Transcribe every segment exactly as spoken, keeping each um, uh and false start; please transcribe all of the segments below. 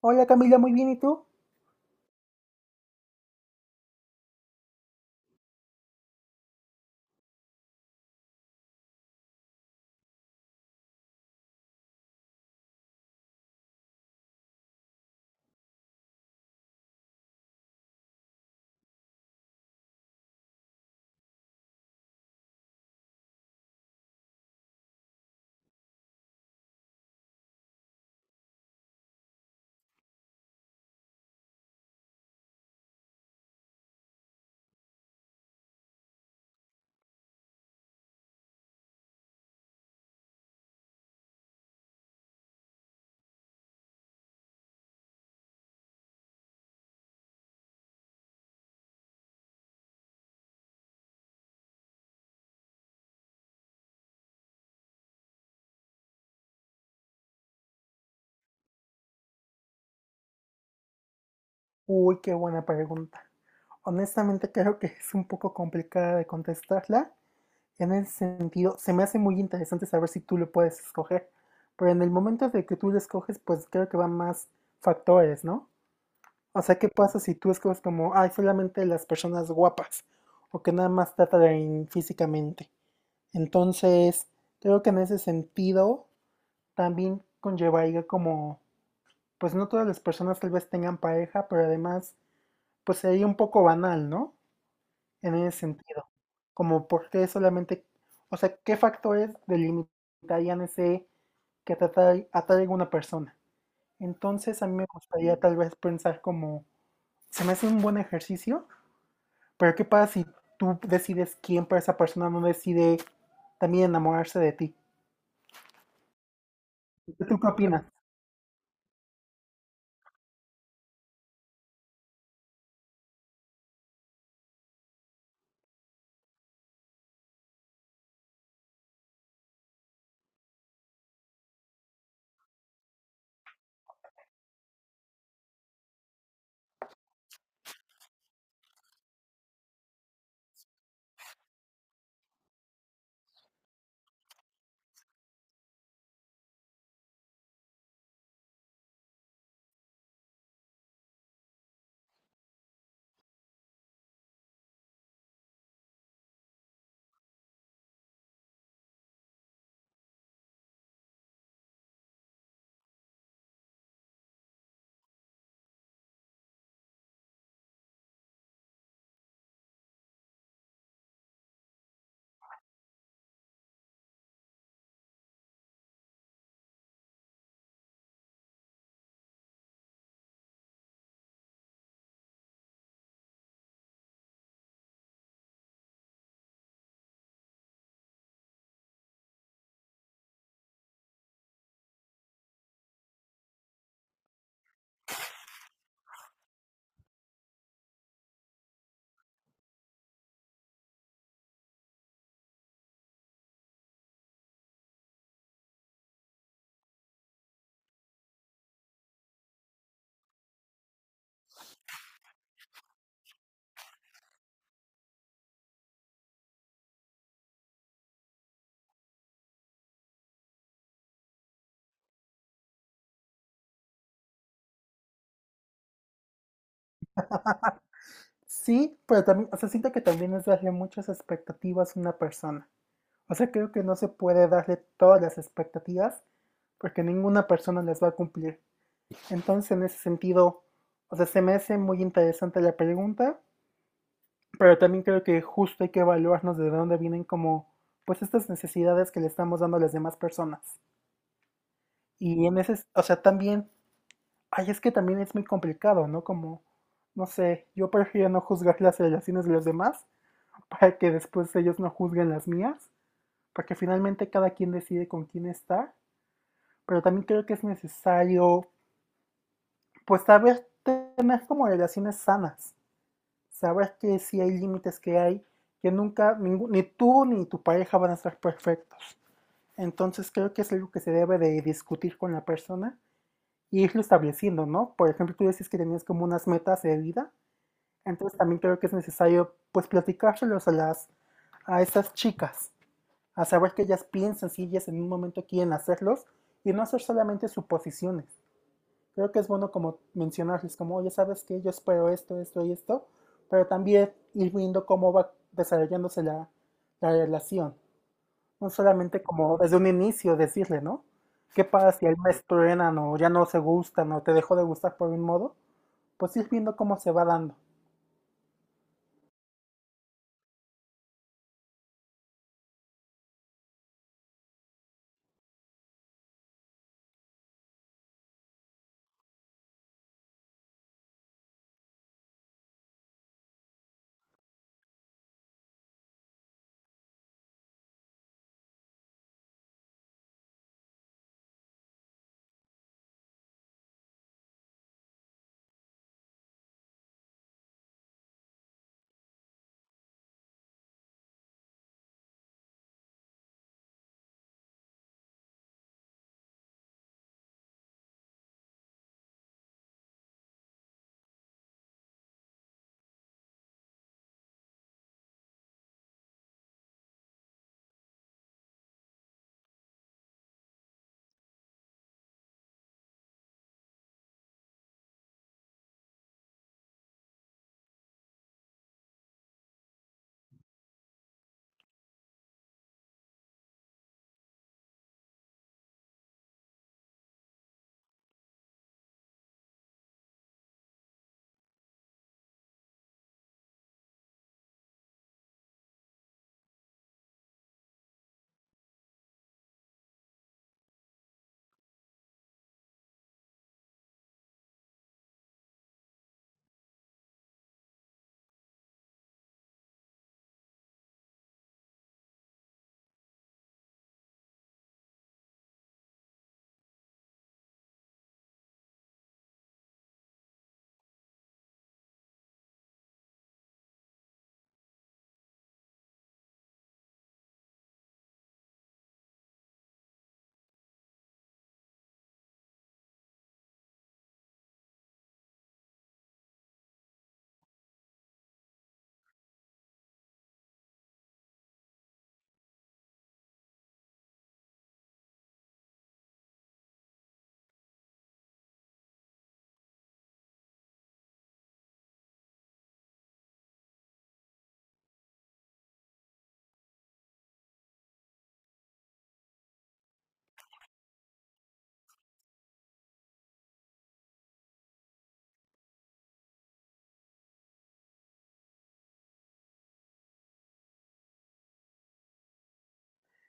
Hola Camila, muy bien, ¿y tú? Uy, qué buena pregunta. Honestamente creo que es un poco complicada de contestarla. En el sentido, se me hace muy interesante saber si tú lo puedes escoger. Pero en el momento de que tú lo escoges, pues creo que van más factores, ¿no? O sea, ¿qué pasa si tú escoges como, ay, solamente las personas guapas? O que nada más te atraen físicamente. Entonces, creo que en ese sentido también conllevaría como, pues no todas las personas tal vez tengan pareja, pero además pues sería un poco banal, ¿no? En ese sentido. Como por qué solamente, o sea, qué factores delimitarían ese que atrae, atrae a una persona. Entonces a mí me gustaría tal vez pensar como, se me hace un buen ejercicio, pero ¿qué pasa si tú decides quién para esa persona no decide también enamorarse de ti? ¿Tú qué opinas? Sí, pero también, o sea, siento que también es darle muchas expectativas a una persona. O sea, creo que no se puede darle todas las expectativas porque ninguna persona les va a cumplir. Entonces, en ese sentido, o sea, se me hace muy interesante la pregunta, pero también creo que justo hay que evaluarnos de dónde vienen como, pues, estas necesidades que le estamos dando a las demás personas. Y en ese, o sea, también, ay, es que también es muy complicado, ¿no? Como, no sé, yo prefiero no juzgar las relaciones de los demás para que después ellos no juzguen las mías, porque finalmente cada quien decide con quién estar, pero también creo que es necesario pues saber tener como relaciones sanas, saber que sí hay límites que hay, que nunca, ningún- ni tú ni tu pareja van a ser perfectos. Entonces creo que es algo que se debe de discutir con la persona y irlo estableciendo, ¿no? Por ejemplo, tú decís que tenías como unas metas de vida, entonces también creo que es necesario pues platicárselos a las, a esas chicas, a saber que ellas piensan si ellas en un momento quieren hacerlos y no hacer solamente suposiciones. Creo que es bueno como mencionarles, como, oye, ¿sabes que yo espero esto, esto y esto, pero también ir viendo cómo va desarrollándose la, la relación? No solamente como desde un inicio decirle, ¿no? ¿Qué pasa si ahí me truenan o ya no se gustan o te dejó de gustar por un modo? Pues ir viendo cómo se va dando.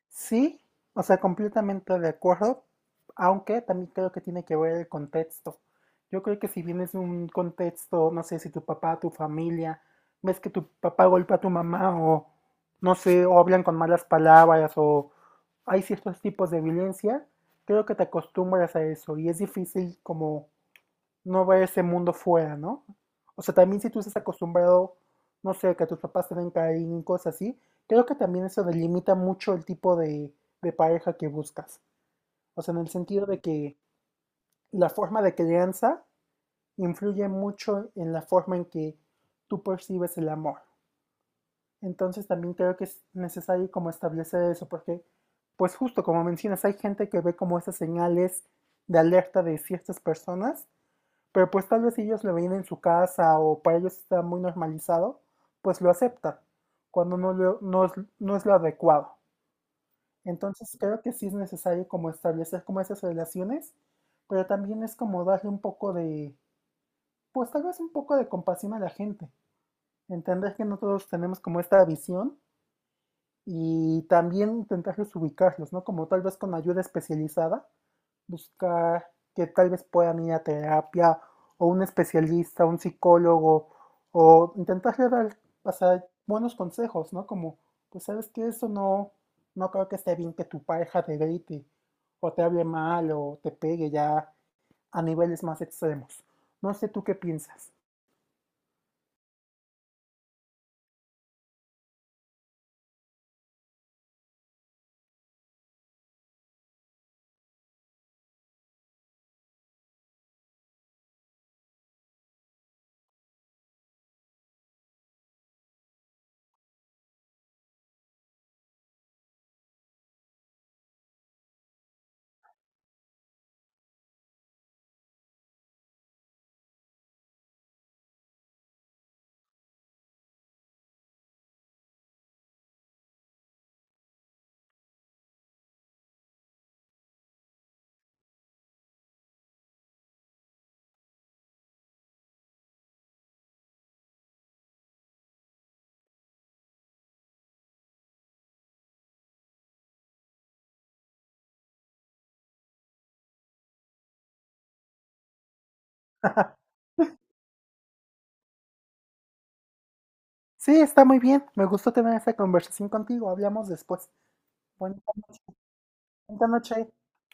Sí, o sea, completamente de acuerdo, aunque también creo que tiene que ver el contexto. Yo creo que si vienes de un contexto, no sé, si tu papá, tu familia, ves que tu papá golpea a tu mamá o no sé, o hablan con malas palabras o hay ciertos tipos de violencia, creo que te acostumbras a eso y es difícil como no ver ese mundo fuera, ¿no? O sea, también si tú estás acostumbrado, no sé, que tus papás te den caer en cosas así, creo que también eso delimita mucho el tipo de, de pareja que buscas. O sea, en el sentido de que la forma de crianza influye mucho en la forma en que tú percibes el amor. Entonces también creo que es necesario como establecer eso, porque pues justo como mencionas, hay gente que ve como esas señales de alerta de ciertas personas pero pues tal vez si ellos lo veían en su casa o para ellos está muy normalizado, pues lo aceptan cuando no, lo- no es, no es lo adecuado. Entonces creo que sí es necesario como establecer como esas relaciones, pero también es como darle un poco de, pues tal vez un poco de compasión a la gente, entender que no todos tenemos como esta visión y también intentar ubicarlos, ¿no? Como tal vez con ayuda especializada, buscar que tal vez puedan ir a terapia o un especialista, un psicólogo, o intentarle dar, o sea, buenos consejos, ¿no? Como, pues sabes que eso no, no creo que esté bien que tu pareja te grite o te hable mal o te pegue ya a niveles más extremos. No sé tú qué piensas. Sí, está muy bien. Me gustó tener esta conversación contigo. Hablamos después. Buenas noches. Buena noche.